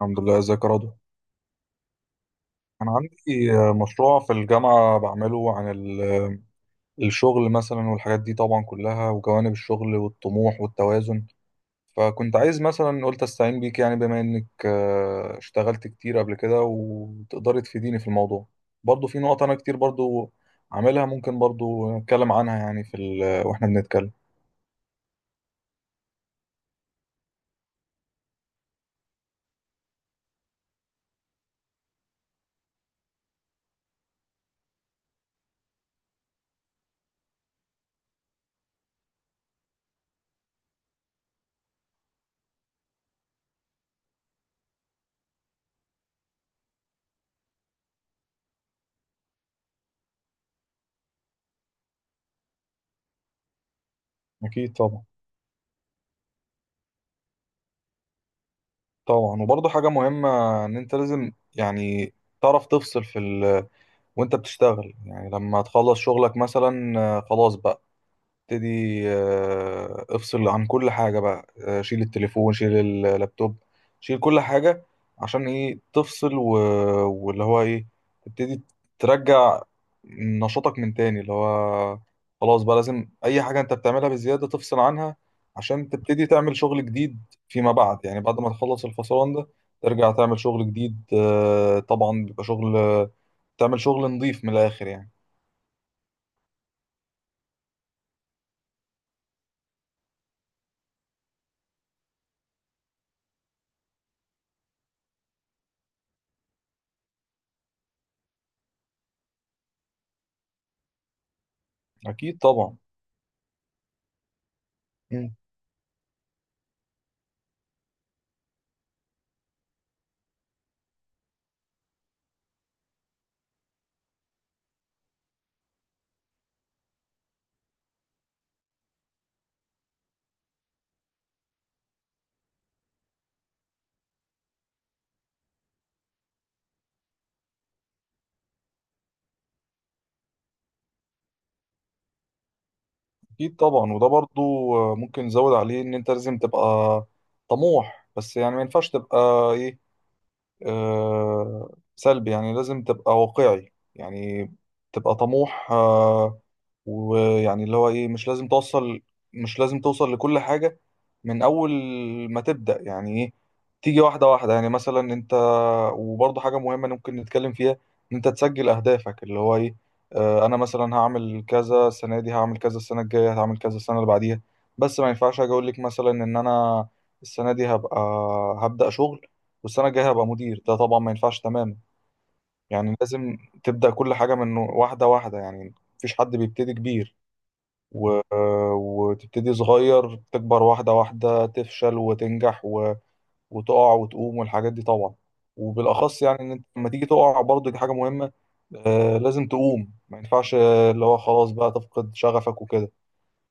الحمد لله. ازيك يا رضوى؟ انا عندي مشروع في الجامعه بعمله عن الشغل مثلا، والحاجات دي طبعا كلها، وجوانب الشغل والطموح والتوازن. فكنت عايز مثلا، قلت استعين بيك يعني، بما انك اشتغلت كتير قبل كده، وتقدري تفيديني في الموضوع. برضو في نقط انا كتير برضو عاملها، ممكن برضو نتكلم عنها يعني واحنا بنتكلم. اكيد طبعا. طبعا. وبرضو حاجه مهمه، ان انت لازم يعني تعرف تفصل في وانت بتشتغل. يعني لما تخلص شغلك مثلا، خلاص بقى ابتدي، افصل عن كل حاجة بقى، شيل التليفون، شيل اللابتوب، شيل كل حاجة. عشان ايه؟ تفصل واللي هو ايه، تبتدي ترجع نشاطك من تاني، اللي هو خلاص بقى لازم اي حاجة انت بتعملها بزيادة تفصل عنها عشان تبتدي تعمل شغل جديد فيما بعد. يعني بعد ما تخلص الفصلان ده، ترجع تعمل شغل جديد. طبعا بيبقى شغل، تعمل شغل نظيف من الآخر يعني. أكيد طبعا. اكيد طبعا. وده برضو ممكن نزود عليه، ان انت لازم تبقى طموح، بس يعني ما ينفعش تبقى ايه، سلبي. يعني لازم تبقى واقعي، يعني تبقى طموح. ويعني اللي هو ايه، مش لازم توصل، لكل حاجة من أول ما تبدأ. يعني ايه؟ تيجي واحدة واحدة. يعني مثلا انت، وبرضه حاجة مهمة ممكن نتكلم فيها، ان انت تسجل أهدافك. اللي هو ايه، انا مثلا هعمل كذا السنة دي، هعمل كذا السنة الجاية، هعمل كذا السنة اللي بعديها. بس ما ينفعش اجي اقول لك مثلا ان انا السنة دي هبدأ شغل، والسنة الجاية هبقى مدير. ده طبعا ما ينفعش تماما. يعني لازم تبدأ كل حاجة من واحدة واحدة. يعني مفيش حد بيبتدي كبير، و... وتبتدي صغير، تكبر واحدة واحدة، تفشل وتنجح وتقع وتقوم، والحاجات دي طبعا. وبالأخص يعني، إن أنت لما تيجي تقع برضه دي حاجة مهمة. لازم تقوم، ما ينفعش اللي هو خلاص بقى تفقد شغفك وكده.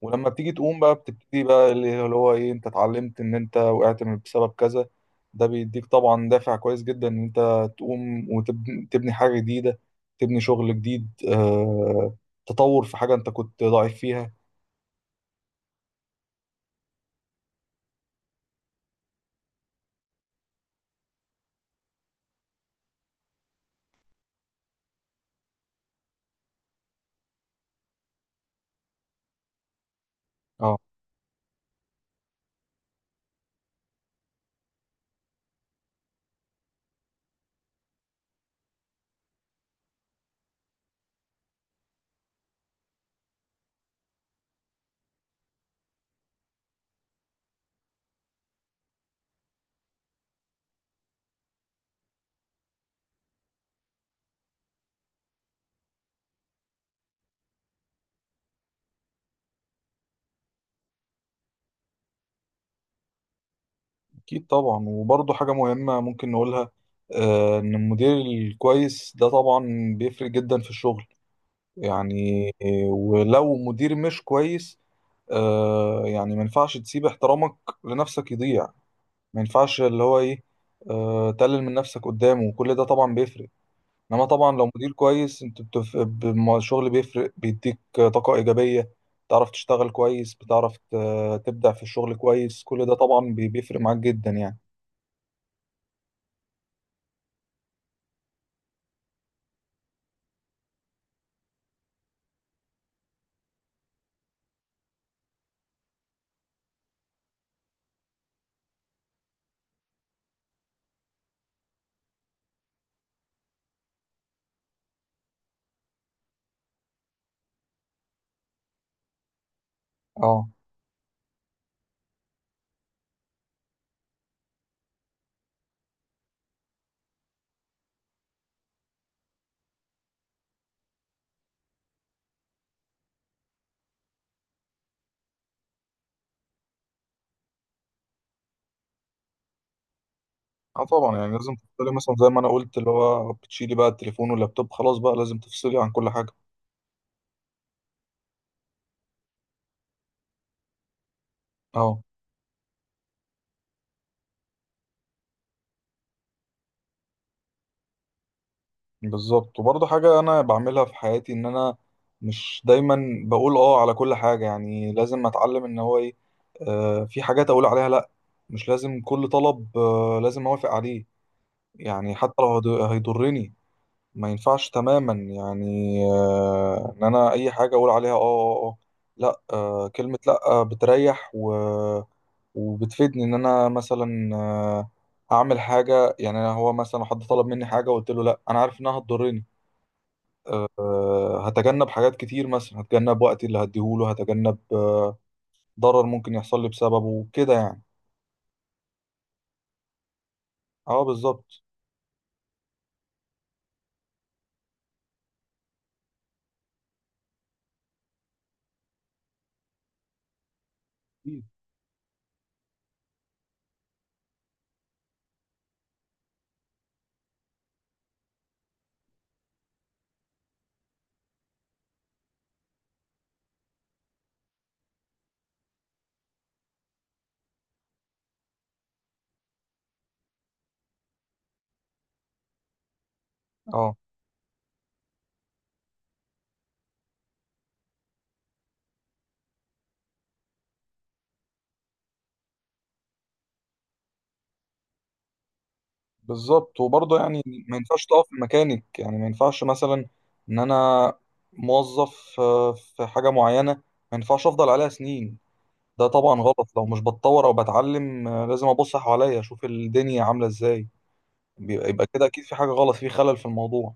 ولما بتيجي تقوم بقى، بتبتدي بقى اللي هو ايه، انت اتعلمت ان انت وقعت من بسبب كذا. ده بيديك طبعا دافع كويس جدا ان انت تقوم وتبني حاجة جديدة، تبني شغل جديد. تطور في حاجة انت كنت ضعيف فيها. اه، اكيد طبعا. وبرضه حاجة مهمة ممكن نقولها، ان المدير الكويس ده طبعا بيفرق جدا في الشغل. يعني ولو مدير مش كويس، يعني ما ينفعش تسيب احترامك لنفسك يضيع. ما ينفعش اللي هو ايه، تقلل من نفسك قدامه، وكل ده طبعا بيفرق. انما طبعا لو مدير كويس، انت الشغل بيفرق، بيديك طاقة إيجابية، بتعرف تشتغل كويس، بتعرف تبدع في الشغل كويس. كل ده طبعا بيفرق معاك جدا يعني. اه، اه، طبعا. يعني لازم تفصلي مثلا زي ما انا قلت، اللي هو بتشيلي بقى التليفون واللابتوب، خلاص بقى لازم تفصلي عن كل حاجة. اه، بالظبط. وبرضه حاجة أنا بعملها في حياتي، إن أنا مش دايما بقول آه على كل حاجة. يعني لازم أتعلم إن هو إيه، في حاجات أقول عليها لأ. مش لازم كل طلب آه لازم أوافق عليه. يعني حتى لو هيضرني، ما ينفعش تماما يعني. إن أنا أي حاجة أقول عليها آه، آه، آه، لأ. كلمة لأ بتريح و وبتفيدني. إن أنا مثلا أعمل حاجة. يعني أنا، هو مثلا، حد طلب مني حاجة وقلت له لأ، أنا عارف إنها هتضرني. هتجنب حاجات كتير، مثلا هتجنب وقتي اللي هديهوله، هتجنب ضرر ممكن يحصل لي بسببه كده يعني. اه، بالظبط. أكيد. اه، بالظبط. وبرضه يعني ما ينفعش تقف في مكانك. يعني ما ينفعش مثلا ان انا موظف في حاجة معينة، ما ينفعش افضل عليها سنين. ده طبعا غلط. لو مش بتطور او بتعلم، لازم ابص حواليا اشوف الدنيا عاملة ازاي. يبقى كده اكيد في حاجة غلط، في خلل في الموضوع.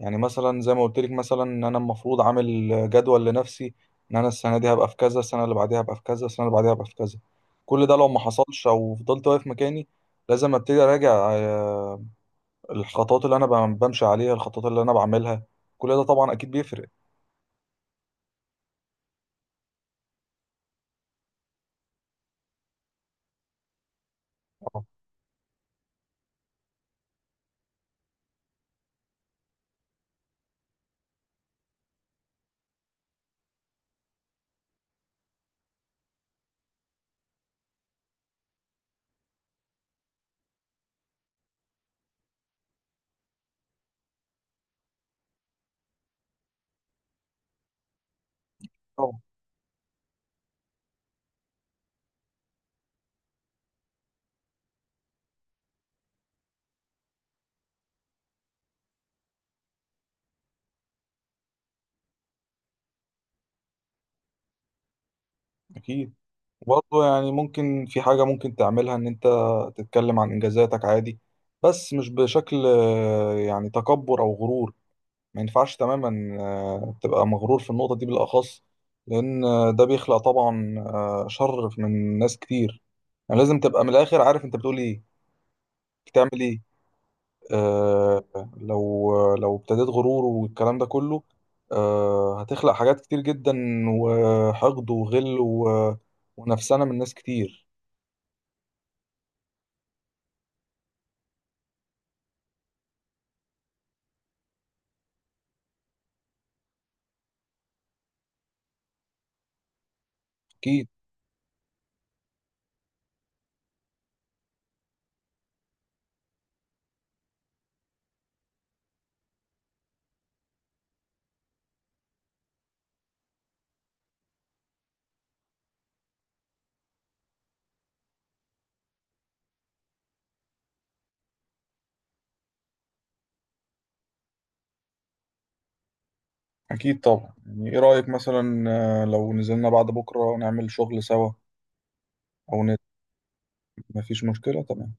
يعني مثلا زي ما قلت لك مثلا، ان انا المفروض عامل جدول لنفسي، ان انا السنه دي هبقى في كذا، السنه اللي بعديها هبقى في كذا، السنه اللي بعديها هبقى في كذا. كل ده لو ما حصلش او فضلت واقف مكاني، لازم ابتدي اراجع، الخطوات اللي انا بمشي عليها، الخطوات اللي انا بعملها. كل ده طبعا اكيد بيفرق. اه، طبعا، اكيد. برضه يعني ممكن في حاجه ممكن تعملها، ان انت تتكلم عن انجازاتك عادي. بس مش بشكل يعني تكبر او غرور. ما ينفعش تماما تبقى مغرور في النقطة دي بالأخص. لأن ده بيخلق طبعا شر من ناس كتير. يعني لازم تبقى من الآخر عارف أنت بتقول إيه، بتعمل إيه. آه لو ابتديت غرور والكلام ده كله، هتخلق حاجات كتير جدا، وحقد وغل ونفسنا من ناس كتير. أكيد، أكيد طبعا. يعني إيه رأيك مثلا، لو نزلنا بعد بكرة نعمل شغل سوا؟ أو نت... مفيش مشكلة. تمام.